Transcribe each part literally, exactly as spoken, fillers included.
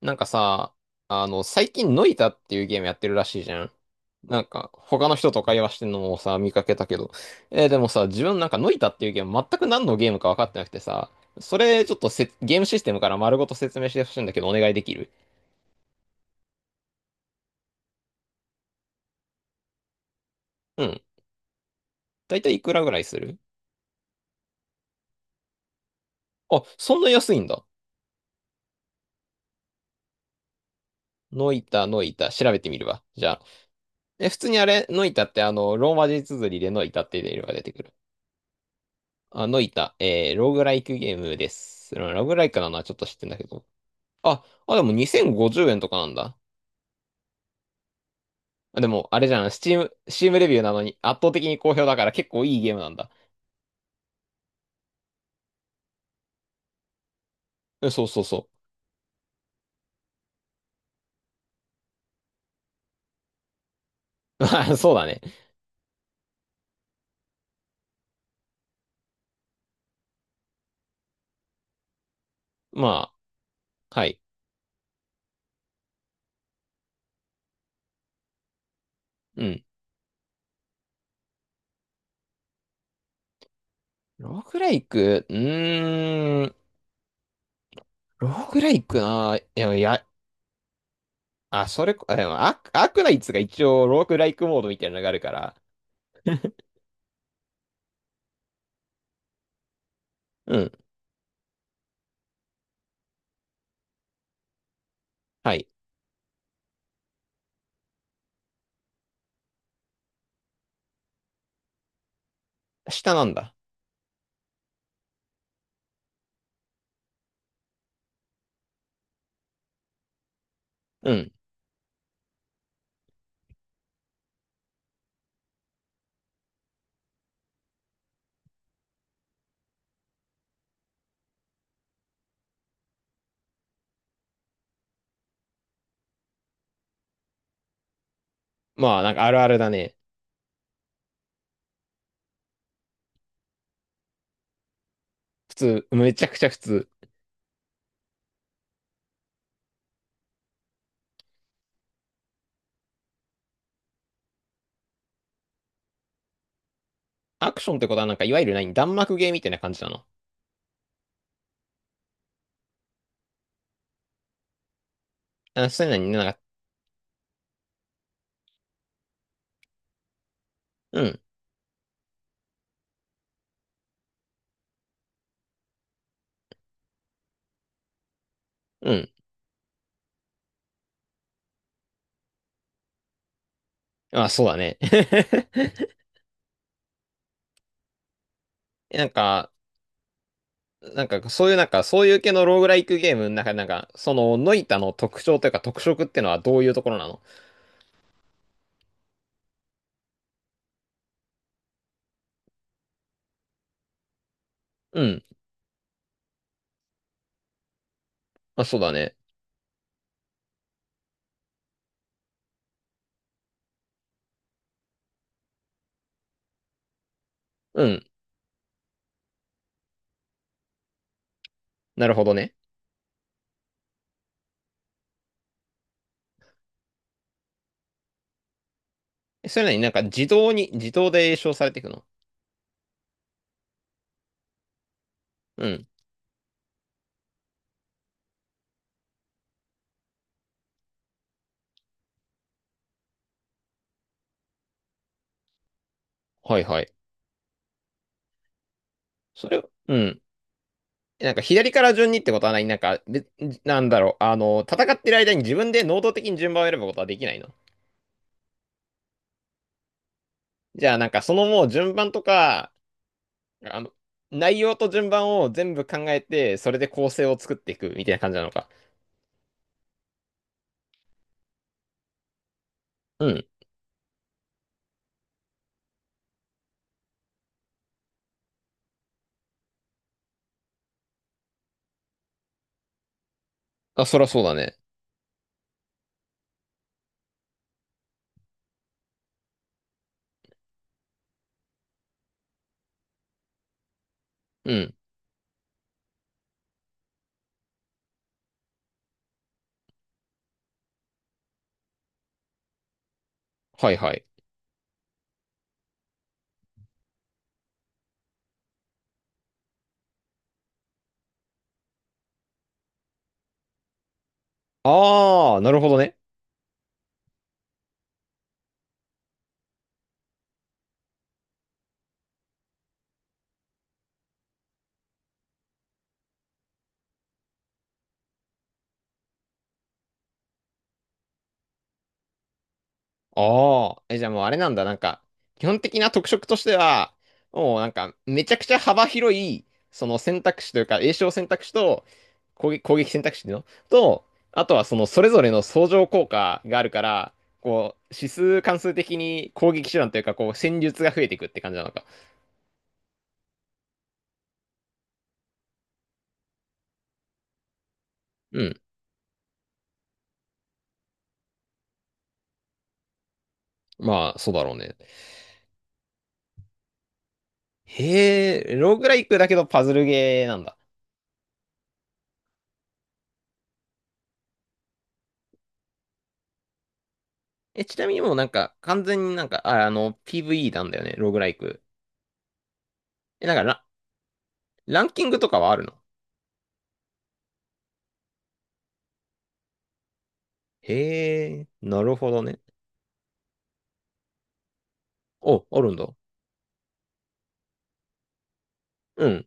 なんかさ、あの、最近ノイタっていうゲームやってるらしいじゃん。なんか、他の人と会話してんのもさ、見かけたけど。えーでもさ、自分なんかノイタっていうゲーム全く何のゲームか分かってなくてさ、それちょっとせ、ゲームシステムから丸ごと説明してほしいんだけど、お願いできる？うん。だいたいいくらぐらいする？あ、そんな安いんだ。ノイタ、ノイタ、調べてみるわ。じゃあ。え、普通にあれ、ノイタってあの、ローマ字綴りでノイタって入れれば出てくる？あ、ノイタ、えー、ローグライクゲームです。ローグライクなのはちょっと知ってんだけど。あ、あ、でもにせんごじゅうえんとかなんだ。あでも、あれじゃん、スチーム、スチームレビューなのに圧倒的に好評だから結構いいゲームなんだ。うんそうそうそう。そうだね。まあ、はい。うん。ローグライク、うーん、ローグライクな、いや、いや、あ、それこ、あでもアーク、アークナイツが一応ローグライクモードみたいなのがあるから、うん、はい。下なんだ。うん。まあ、なんかあるあるだね。普通、めちゃくちゃ普通。アクションってことはなんか、いわゆる何、弾幕ゲーみたいな感じなの？あ、そういうのにねなんか、うん。うんあ、そうだね。なんか、なんか、そういう、なんか、そういう系のローグライクゲームの中で、なんか、その、ノイタの特徴というか、特色ってのはどういうところなの？うん。まあ、そうだね。うん。なるほどね。えそれなりになんか、自動に、自動で詠唱されていくの？うん。はいはい。それを、うん。なんか、左から順にってことはない。なんか、べなんだろう。あの、戦ってる間に自分で能動的に順番を選ぶことはできないの？じゃあ、なんか、そのもう順番とか、あの、内容と順番を全部考えて、それで構成を作っていくみたいな感じなのか。うん。あ、そらそうだね。うん。はいはい。ああ、なるほどね。ああ。え、じゃあもうあれなんだ。なんか、基本的な特色としては、もうなんか、めちゃくちゃ幅広い、その選択肢というか、詠唱選択肢と、攻撃、攻撃選択肢っていうのと、あとはそのそれぞれの相乗効果があるから、こう、指数関数的に攻撃手段というか、こう、戦術が増えていくって感じなのか？うん。まあ、そうだろうね。へえ、ローグライクだけどパズルゲーなんだ。え、ちなみにもうなんか、完全になんか、あ、あの、ピーブイイー なんだよね、ローグライク。え、なんかラ、ランキングとかはあるの？へえ、なるほどね。お、あるんだ。うん。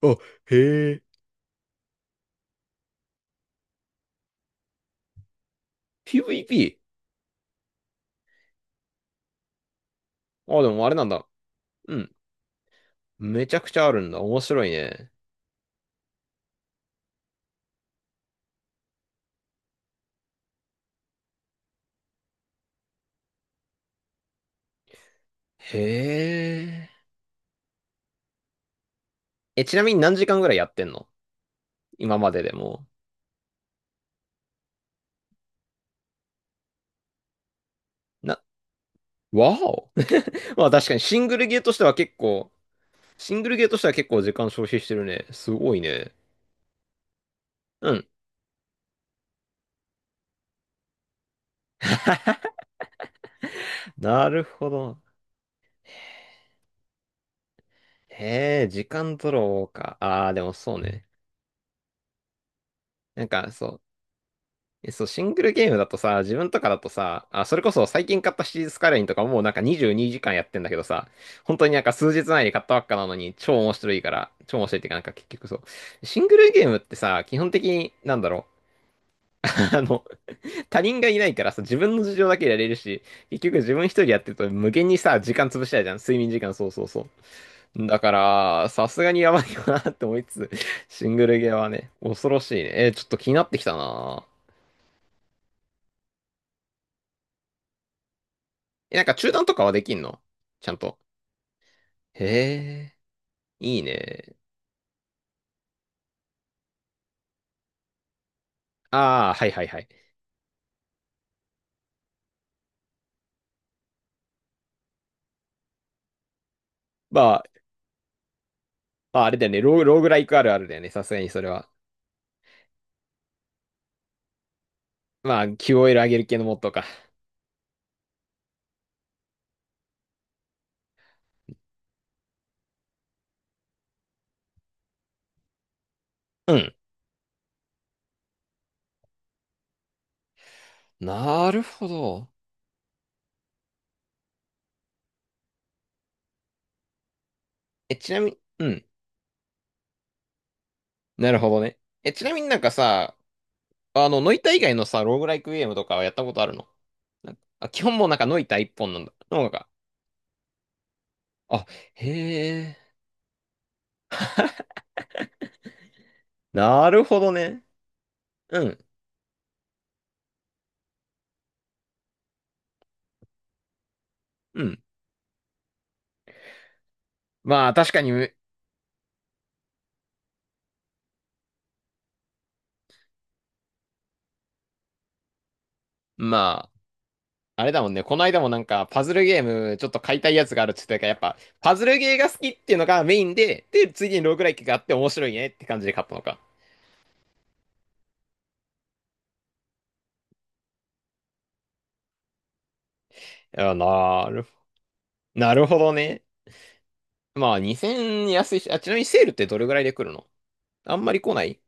あ、へえ。ピーブイピー？ あ、でもあれなんだ。うん。めちゃくちゃあるんだ。面白いね。へえ。え、ちなみに何時間ぐらいやってんの？今まででも。な、わお。まあ確かにシングルゲーとしては結構、シングルゲーとしては結構時間消費してるね。すごいね。うん。なるほど。へえ、時間取ろうか。ああ、でもそうね。なんか、そう。えそう、シングルゲームだとさ、自分とかだとさ、あ、それこそ最近買ったシリーズスカイラインとかもうなんかにじゅうにじかんやってんだけどさ、本当になんか数日前に買ったばっかなのに超面白いから、超面白いっていうかなんか結局そう。シングルゲームってさ、基本的になんだろう。あの、他人がいないからさ、自分の事情だけやれるし、結局自分一人やってると無限にさ、時間潰したいじゃん。睡眠時間、そうそうそう。だから、さすがにやばいよなって思いつつ、シングルゲーはね、恐ろしいね。えーちょっと気になってきたな。え、なんか中断とかはできんの？ちゃんと？へえ、いいね。ああ、はいはいはい。まあ、まああれだよね、ロー、ローグライクあるあるだよね、さすがにそれは。まあ、キューオーエル 上げる系のモッドか。うん。なるほど。え、ちなみに、うん。なるほどね。え、ちなみになんかさ、あの、ノイタ以外のさ、ローグライクゲームとかはやったことあるの？なんかあ、基本もうなんかノイタ一本なんだ。の方が。あ、へえ。なるほどね。うん、うん。まあ、確かに、まあ、あれだもんね。この間もなんか、パズルゲーム、ちょっと買いたいやつがあるって言ってたから、やっぱ、パズルゲーが好きっていうのがメインで、で、次にローグライクがあって面白いねって感じで買ったのか。いや、なる、なるほどね。まあ、にせんえん安いし、あ、ちなみにセールってどれぐらいで来るの？あんまり来ない？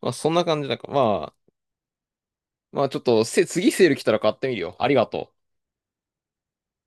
まあ、そんな感じだから。ままあちょっと、せ、次セール来たら買ってみるよ。ありがとう。